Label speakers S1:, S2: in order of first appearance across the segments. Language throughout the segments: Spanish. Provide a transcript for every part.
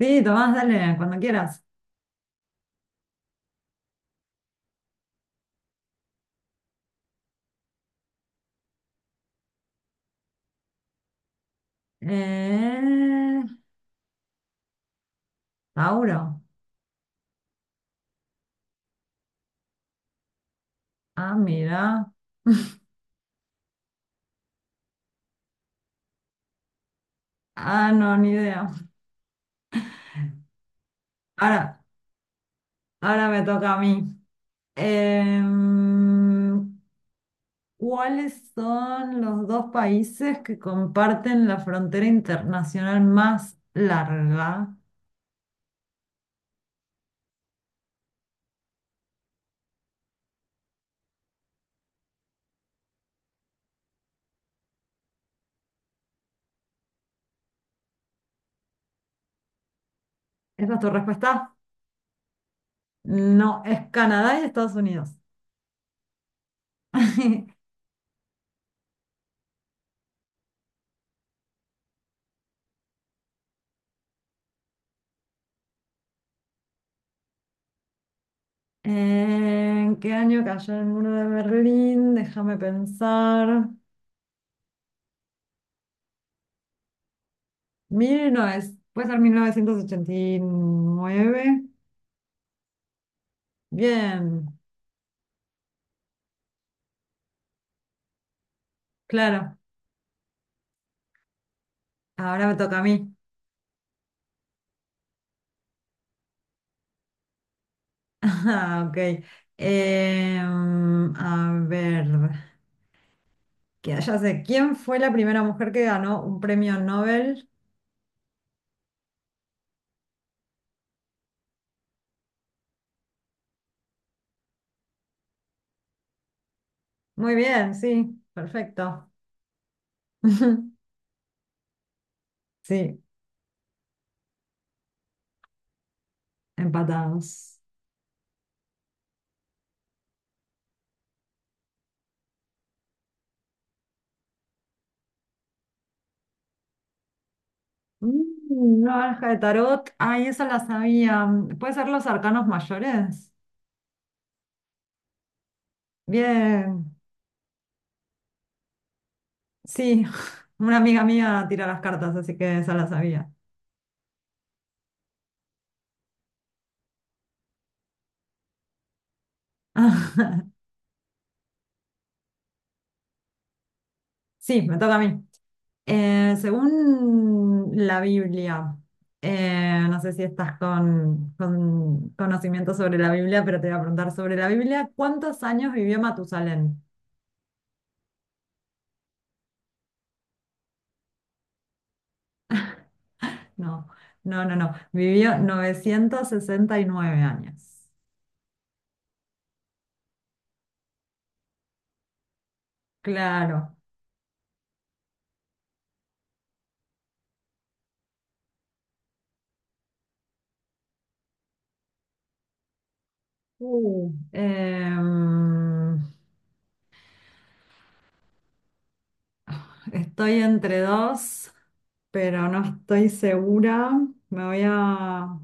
S1: Sí, Tomás, dale, cuando quieras. Eh, Tauro. Ah, mira. Ah, no, ni idea. Ahora, ahora me toca a mí. Em, ¿Cuáles son los dos países que comparten la frontera internacional más larga? ¿Esa es tu respuesta? No, es Canadá y Estados Unidos. ¿En qué año cayó el muro de Berlín? Déjame pensar. 19, puede ser 1989. Bien, claro. Ahora me toca a mí. Ah, ok. A ver, que ya sé, ¿quién fue la primera mujer que ganó un premio Nobel? Muy bien, sí, perfecto. Sí, empatados. Mm, Una baraja de tarot. Ay, esa la sabía. ¿Puede ser los arcanos mayores? Bien. Sí, una amiga mía tira las cartas, así que esa la sabía. Sí, me toca a mí. Según la Biblia, no sé si estás con conocimiento sobre la Biblia, pero te voy a preguntar sobre la Biblia, ¿cuántos años vivió Matusalén? No, no, no, no, vivió 969 años. Claro. Uh, Eh, Estoy entre dos, pero no estoy segura. Me voy a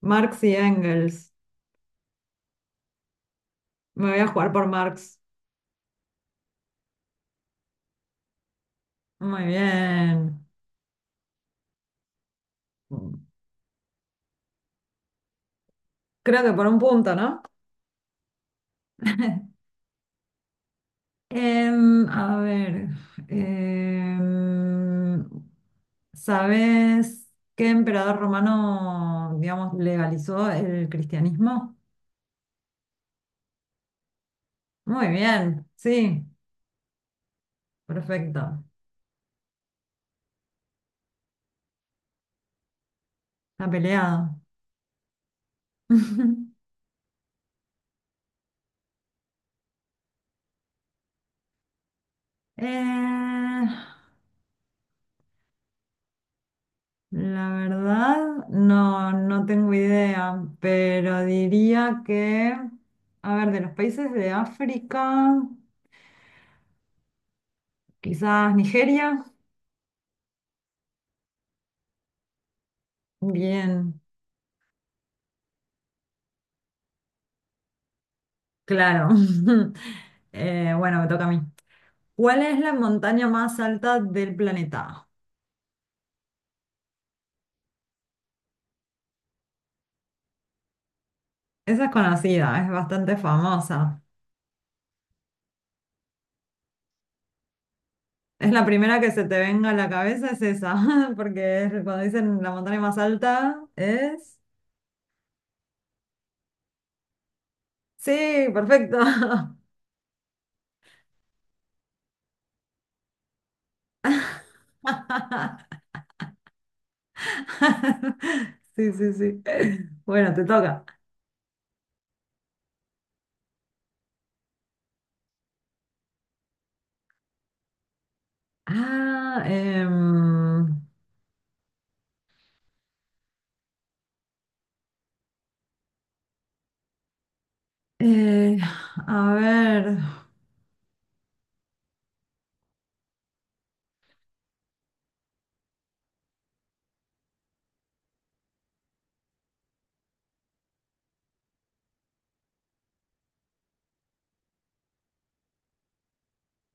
S1: Marx y Engels. Me voy a jugar por Marx. Muy bien. Creo que por un punto, ¿no? A ver, em, ¿sabes qué emperador romano, digamos, legalizó el cristianismo? Muy bien, sí, perfecto. Está peleado. Eh, La verdad, no, no tengo idea, pero diría que, a ver, de los países de África, quizás Nigeria. Bien, claro. Bueno, me toca a mí. ¿Cuál es la montaña más alta del planeta? Esa es conocida, es bastante famosa. Es la primera que se te venga a la cabeza, es esa, cuando dicen la montaña más alta es. Sí, perfecto. Sí, sí, sí. Bueno, te toca. Ah, eh, a ver.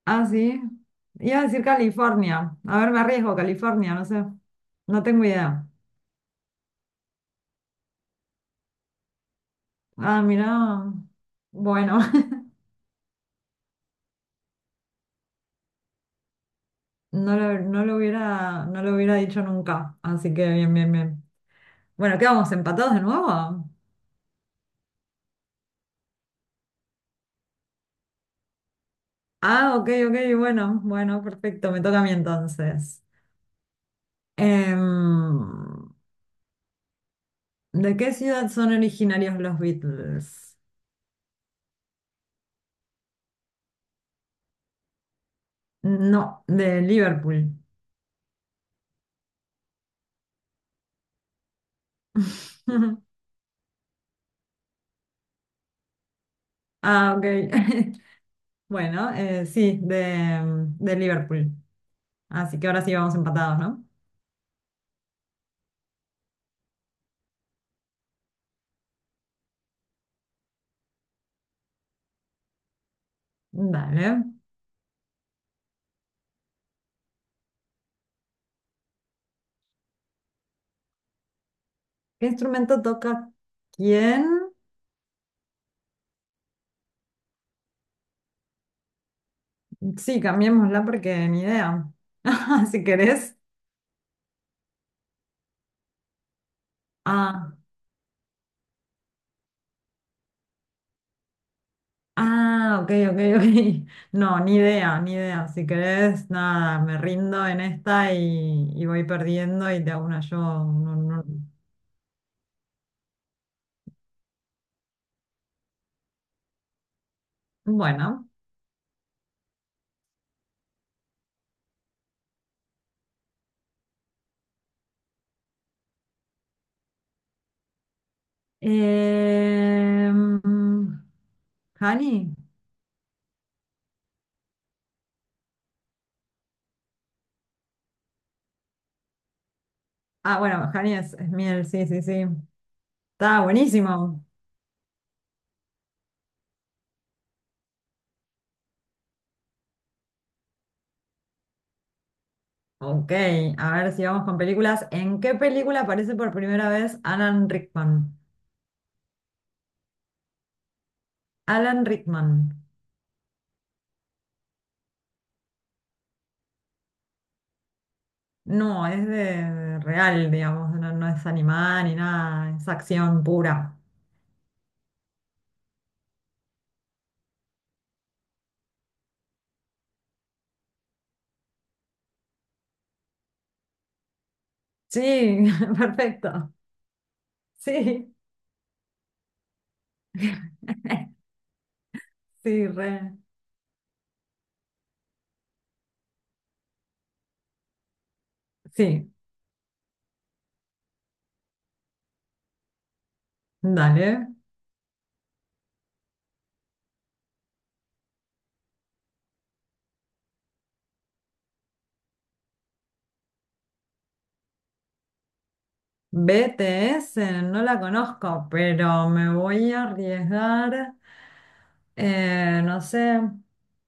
S1: Ah, sí. Iba a decir California. A ver, me arriesgo, California, no sé. No tengo idea. Ah, mira. Bueno, no lo hubiera dicho nunca. Así que bien, bien, bien. Bueno, ¿qué vamos? ¿Empatados de nuevo? Ah, ok, ok, bueno, bueno, perfecto. Me toca a mí entonces. Em, ¿De qué ciudad son originarios los Beatles? No, de Liverpool. Ah, ok. Bueno, sí, de Liverpool. Así que ahora sí vamos empatados, ¿no? Dale. ¿Qué instrumento toca quién? Sí, cambiémosla porque ni idea. Si querés. Ah, ah, ok, ok, ok. No, ni idea, ni idea. Si querés, nada, me rindo en esta y voy perdiendo y te hago una yo. No, no. Bueno. em, Hani. Ah, bueno, Hani es miel, sí, sí, sí. Está buenísimo. Ok, a ver si vamos con películas. ¿En qué película aparece por primera vez Alan Rickman? Alan Rickman. No, es de real, digamos, no, no es animada ni nada, es acción pura. Sí, perfecto. Sí, sí, re. Sí, dale. BTS, no la conozco, pero me voy a arriesgar, no sé,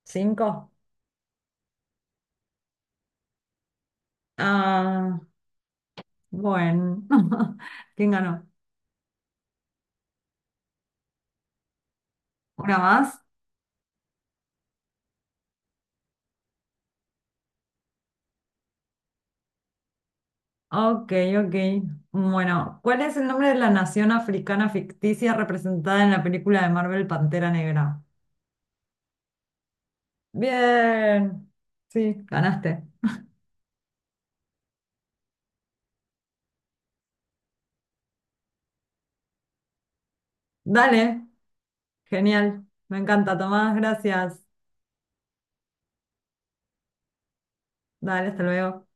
S1: cinco. Ah, bueno, ¿quién ganó? ¿Una más? Ok, ok. Bueno, ¿cuál es el nombre de la nación africana ficticia representada en la película de Marvel Pantera Negra? Bien, sí, ganaste. Dale, genial. Me encanta, Tomás, gracias. Dale, hasta luego.